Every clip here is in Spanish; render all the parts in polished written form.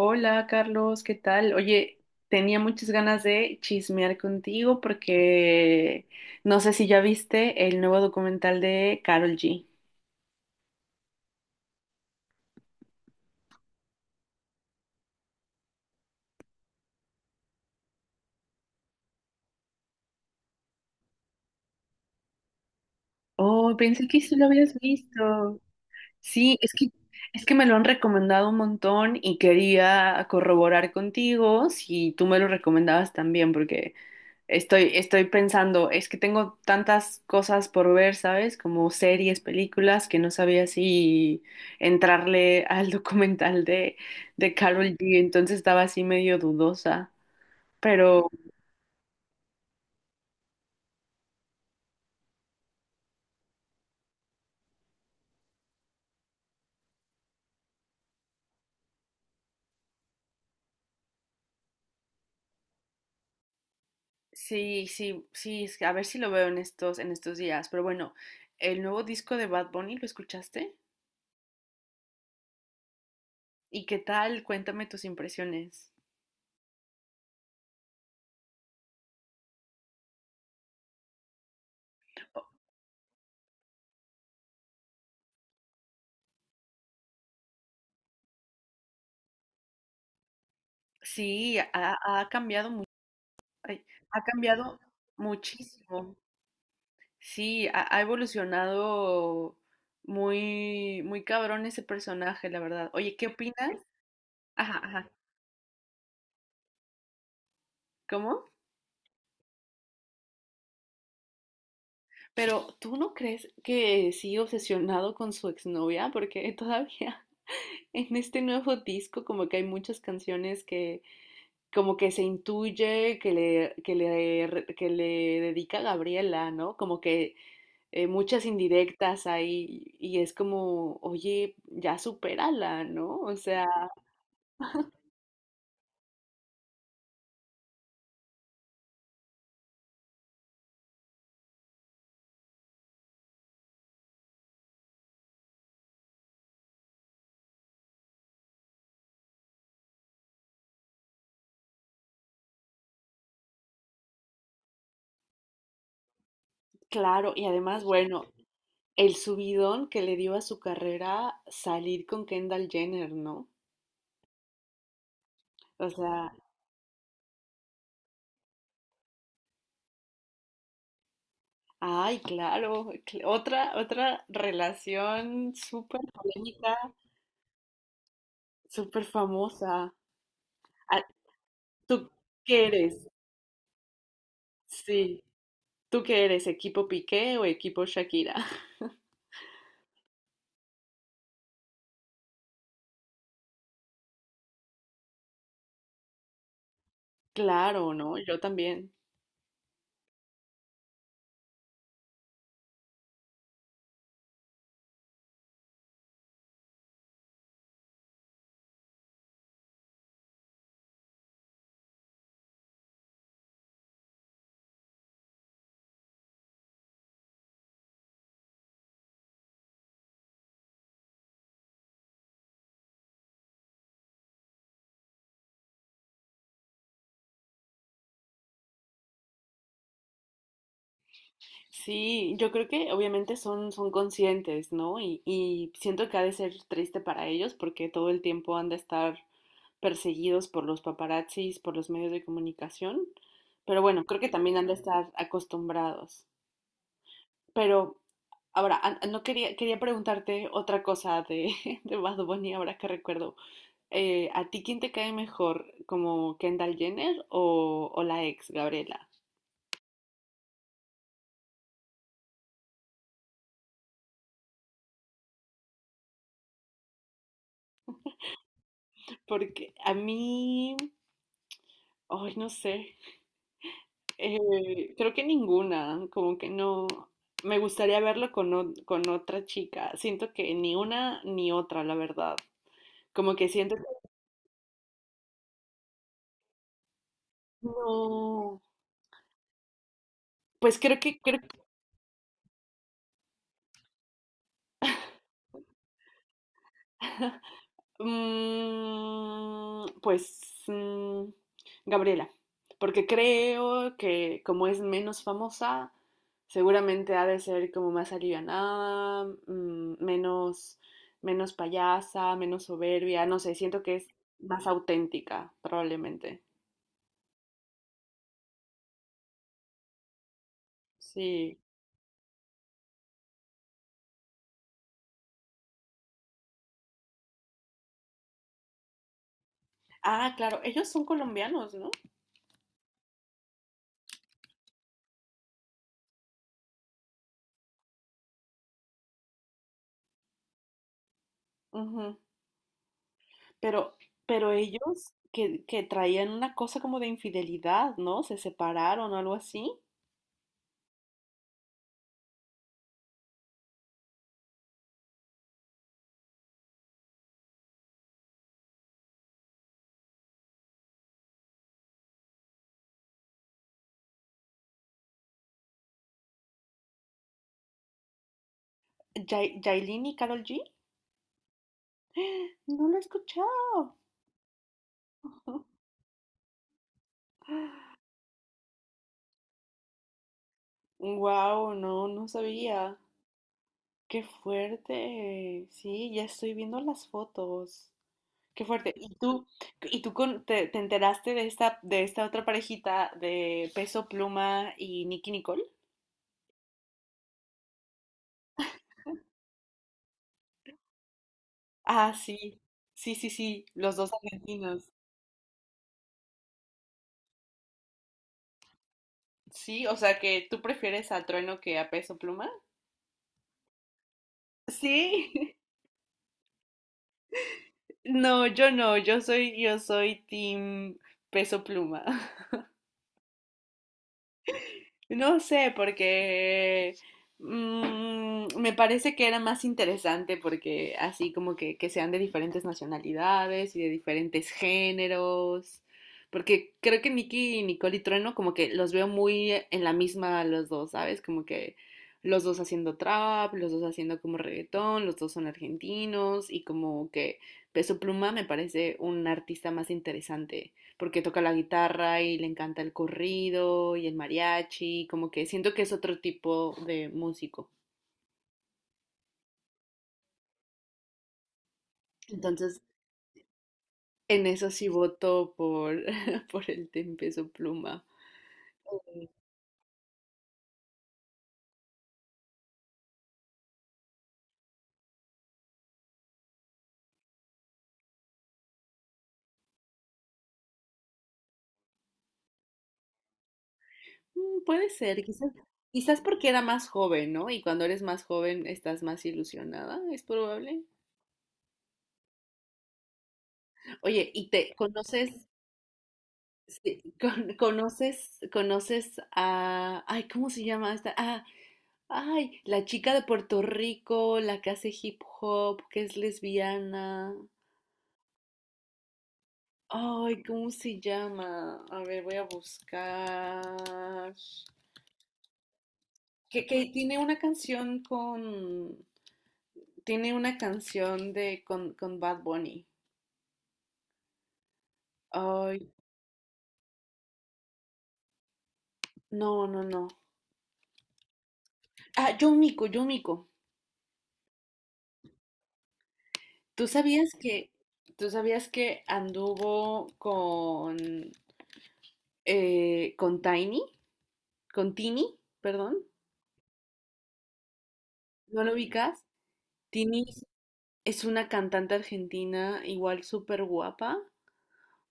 Hola Carlos, ¿qué tal? Oye, tenía muchas ganas de chismear contigo porque no sé si ya viste el nuevo documental de Carol G. Oh, pensé que sí lo habías visto. Sí, es que me lo han recomendado un montón y quería corroborar contigo si tú me lo recomendabas también porque estoy pensando, es que tengo tantas cosas por ver, ¿sabes? Como series, películas, que no sabía si entrarle al documental de Karol G, entonces estaba así medio dudosa. Pero sí, sí, sí, es que a ver si lo veo en estos días. Pero bueno, el nuevo disco de Bad Bunny, ¿lo escuchaste? ¿Y qué tal? Cuéntame tus impresiones. Sí, ha ay, ha cambiado muchísimo. Sí, ha evolucionado muy cabrón ese personaje, la verdad. Oye, ¿qué opinas? Ajá, ajá. ¿Cómo? Pero ¿tú no crees que sigue obsesionado con su exnovia? Porque todavía en este nuevo disco como que hay muchas canciones que como que se intuye que le dedica a Gabriela, ¿no? Como que muchas indirectas ahí y es como, oye, ya supérala, ¿no? O sea... Claro, y además, bueno, el subidón que le dio a su carrera salir con Kendall Jenner, ¿no? O sea, ay, claro, otra relación súper polémica, súper famosa. Ah, ¿tú qué eres? Sí, ¿tú qué eres? ¿Equipo Piqué o equipo Shakira? Claro, ¿no? Yo también. Sí, yo creo que obviamente son conscientes, ¿no? Y siento que ha de ser triste para ellos porque todo el tiempo han de estar perseguidos por los paparazzis, por los medios de comunicación, pero bueno, creo que también han de estar acostumbrados. Pero ahora, no quería, quería preguntarte otra cosa de, de Bad Bunny, ahora que recuerdo. ¿A ti quién te cae mejor, como Kendall Jenner o la ex Gabriela? Porque a mí, ay, no sé. Creo que ninguna, como que no. Me gustaría verlo con, con otra chica. Siento que ni una ni otra, la verdad. Como que siento que no. Pues creo que creo Mm, pues mm, Gabriela, porque creo que como es menos famosa, seguramente ha de ser como más alivianada, mm, menos payasa, menos soberbia, no sé, siento que es más auténtica, probablemente. Sí. Ah, claro, ellos son colombianos, ¿no? Ujú. Pero, pero ellos que traían una cosa como de infidelidad, ¿no? Se separaron o algo así. Yailin y Karol G. No lo he escuchado. Wow, no, no sabía. Qué fuerte. Sí, ya estoy viendo las fotos. Qué fuerte. Y tú te enteraste de esta otra parejita de Peso Pluma y Nicky Nicole? Ah, sí. Sí, sí, sí. Los dos argentinos. Sí, o sea que tú prefieres a Trueno que a Peso Pluma. Sí. No, yo no. Yo soy Team Peso Pluma. No sé, porque mm, me parece que era más interesante porque así como que sean de diferentes nacionalidades y de diferentes géneros, porque creo que Nicky Nicole y Trueno como que los veo muy en la misma los dos, ¿sabes? Como que los dos haciendo trap, los dos haciendo como reggaetón, los dos son argentinos y como que Peso Pluma me parece un artista más interesante porque toca la guitarra y le encanta el corrido y el mariachi, como que siento que es otro tipo de músico. Entonces, en eso sí voto por, por el Tempeso Pluma. Mm, puede ser, quizás, quizás porque era más joven, ¿no? Y cuando eres más joven estás más ilusionada, es probable. Oye, ¿y te conoces, sí, conoces, conoces a, ay, ¿cómo se llama esta? Ah, ay, la chica de Puerto Rico, la que hace hip hop, que es lesbiana. Ay, ¿cómo se llama? A ver, voy a buscar. Que tiene una canción con... Tiene una canción de con Bad Bunny. Ay, no, no, no. Ah, Yomiko, Yomiko. ¿Tú sabías que, tú sabías que anduvo con Tiny, con Tini, perdón? ¿No lo ubicas? Tini es una cantante argentina igual súper guapa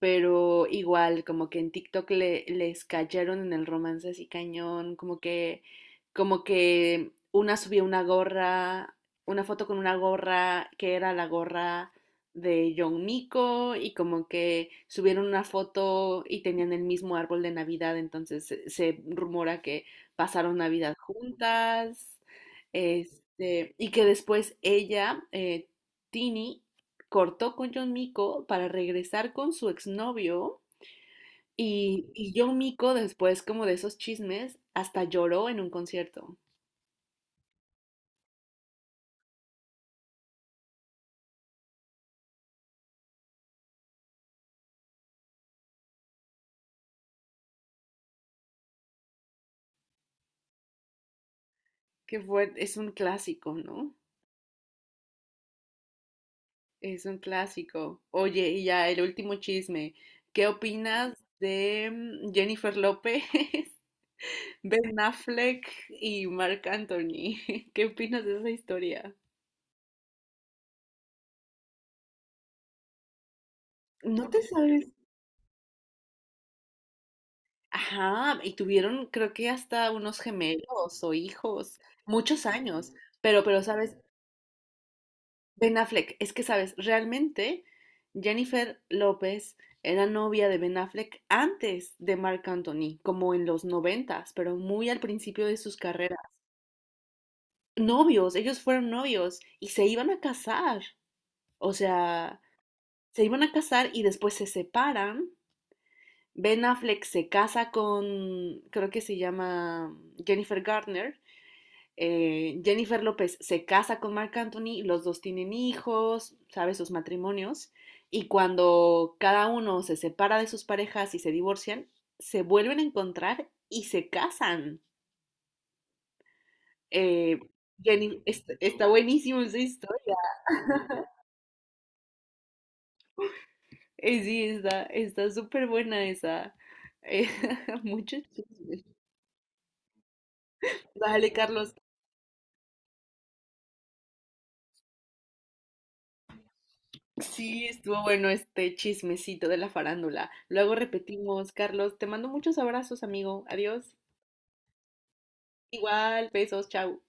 pero igual, como que en TikTok les cayeron en el romance así cañón, como que una foto con una gorra que era la gorra de John Miko y como que subieron una foto y tenían el mismo árbol de Navidad, entonces se rumora que pasaron Navidad juntas, este, y que después ella, Tini, cortó con John Miko para regresar con su exnovio y John Miko después como de esos chismes hasta lloró en un concierto, que fue, es un clásico, ¿no? Es un clásico. Oye, y ya el último chisme, ¿qué opinas de mm, Jennifer López, Ben Affleck y Marc Anthony? ¿Qué opinas de esa historia? ¿No te sabes ajá, y tuvieron creo que hasta unos gemelos o hijos, muchos años, pero, ¿sabes? Ben Affleck, es que, ¿sabes? Realmente Jennifer López era novia de Ben Affleck antes de Marc Anthony, como en los noventas, pero muy al principio de sus carreras. Novios, ellos fueron novios y se iban a casar, o sea, se iban a casar y después se separan. Ben Affleck se casa con, creo que se llama Jennifer Garner. Jennifer López se casa con Marc Anthony, los dos tienen hijos, sabes sus matrimonios, y cuando cada uno se separa de sus parejas y se divorcian, se vuelven a encontrar y se casan. Eh, Jenny, está buenísimo esa historia. Sí, está, está súper buena esa. Eh, mucho chisme. Dale, Carlos. Sí, estuvo bueno este chismecito de la farándula. Luego repetimos, Carlos, te mando muchos abrazos, amigo. Adiós. Igual, besos, chao.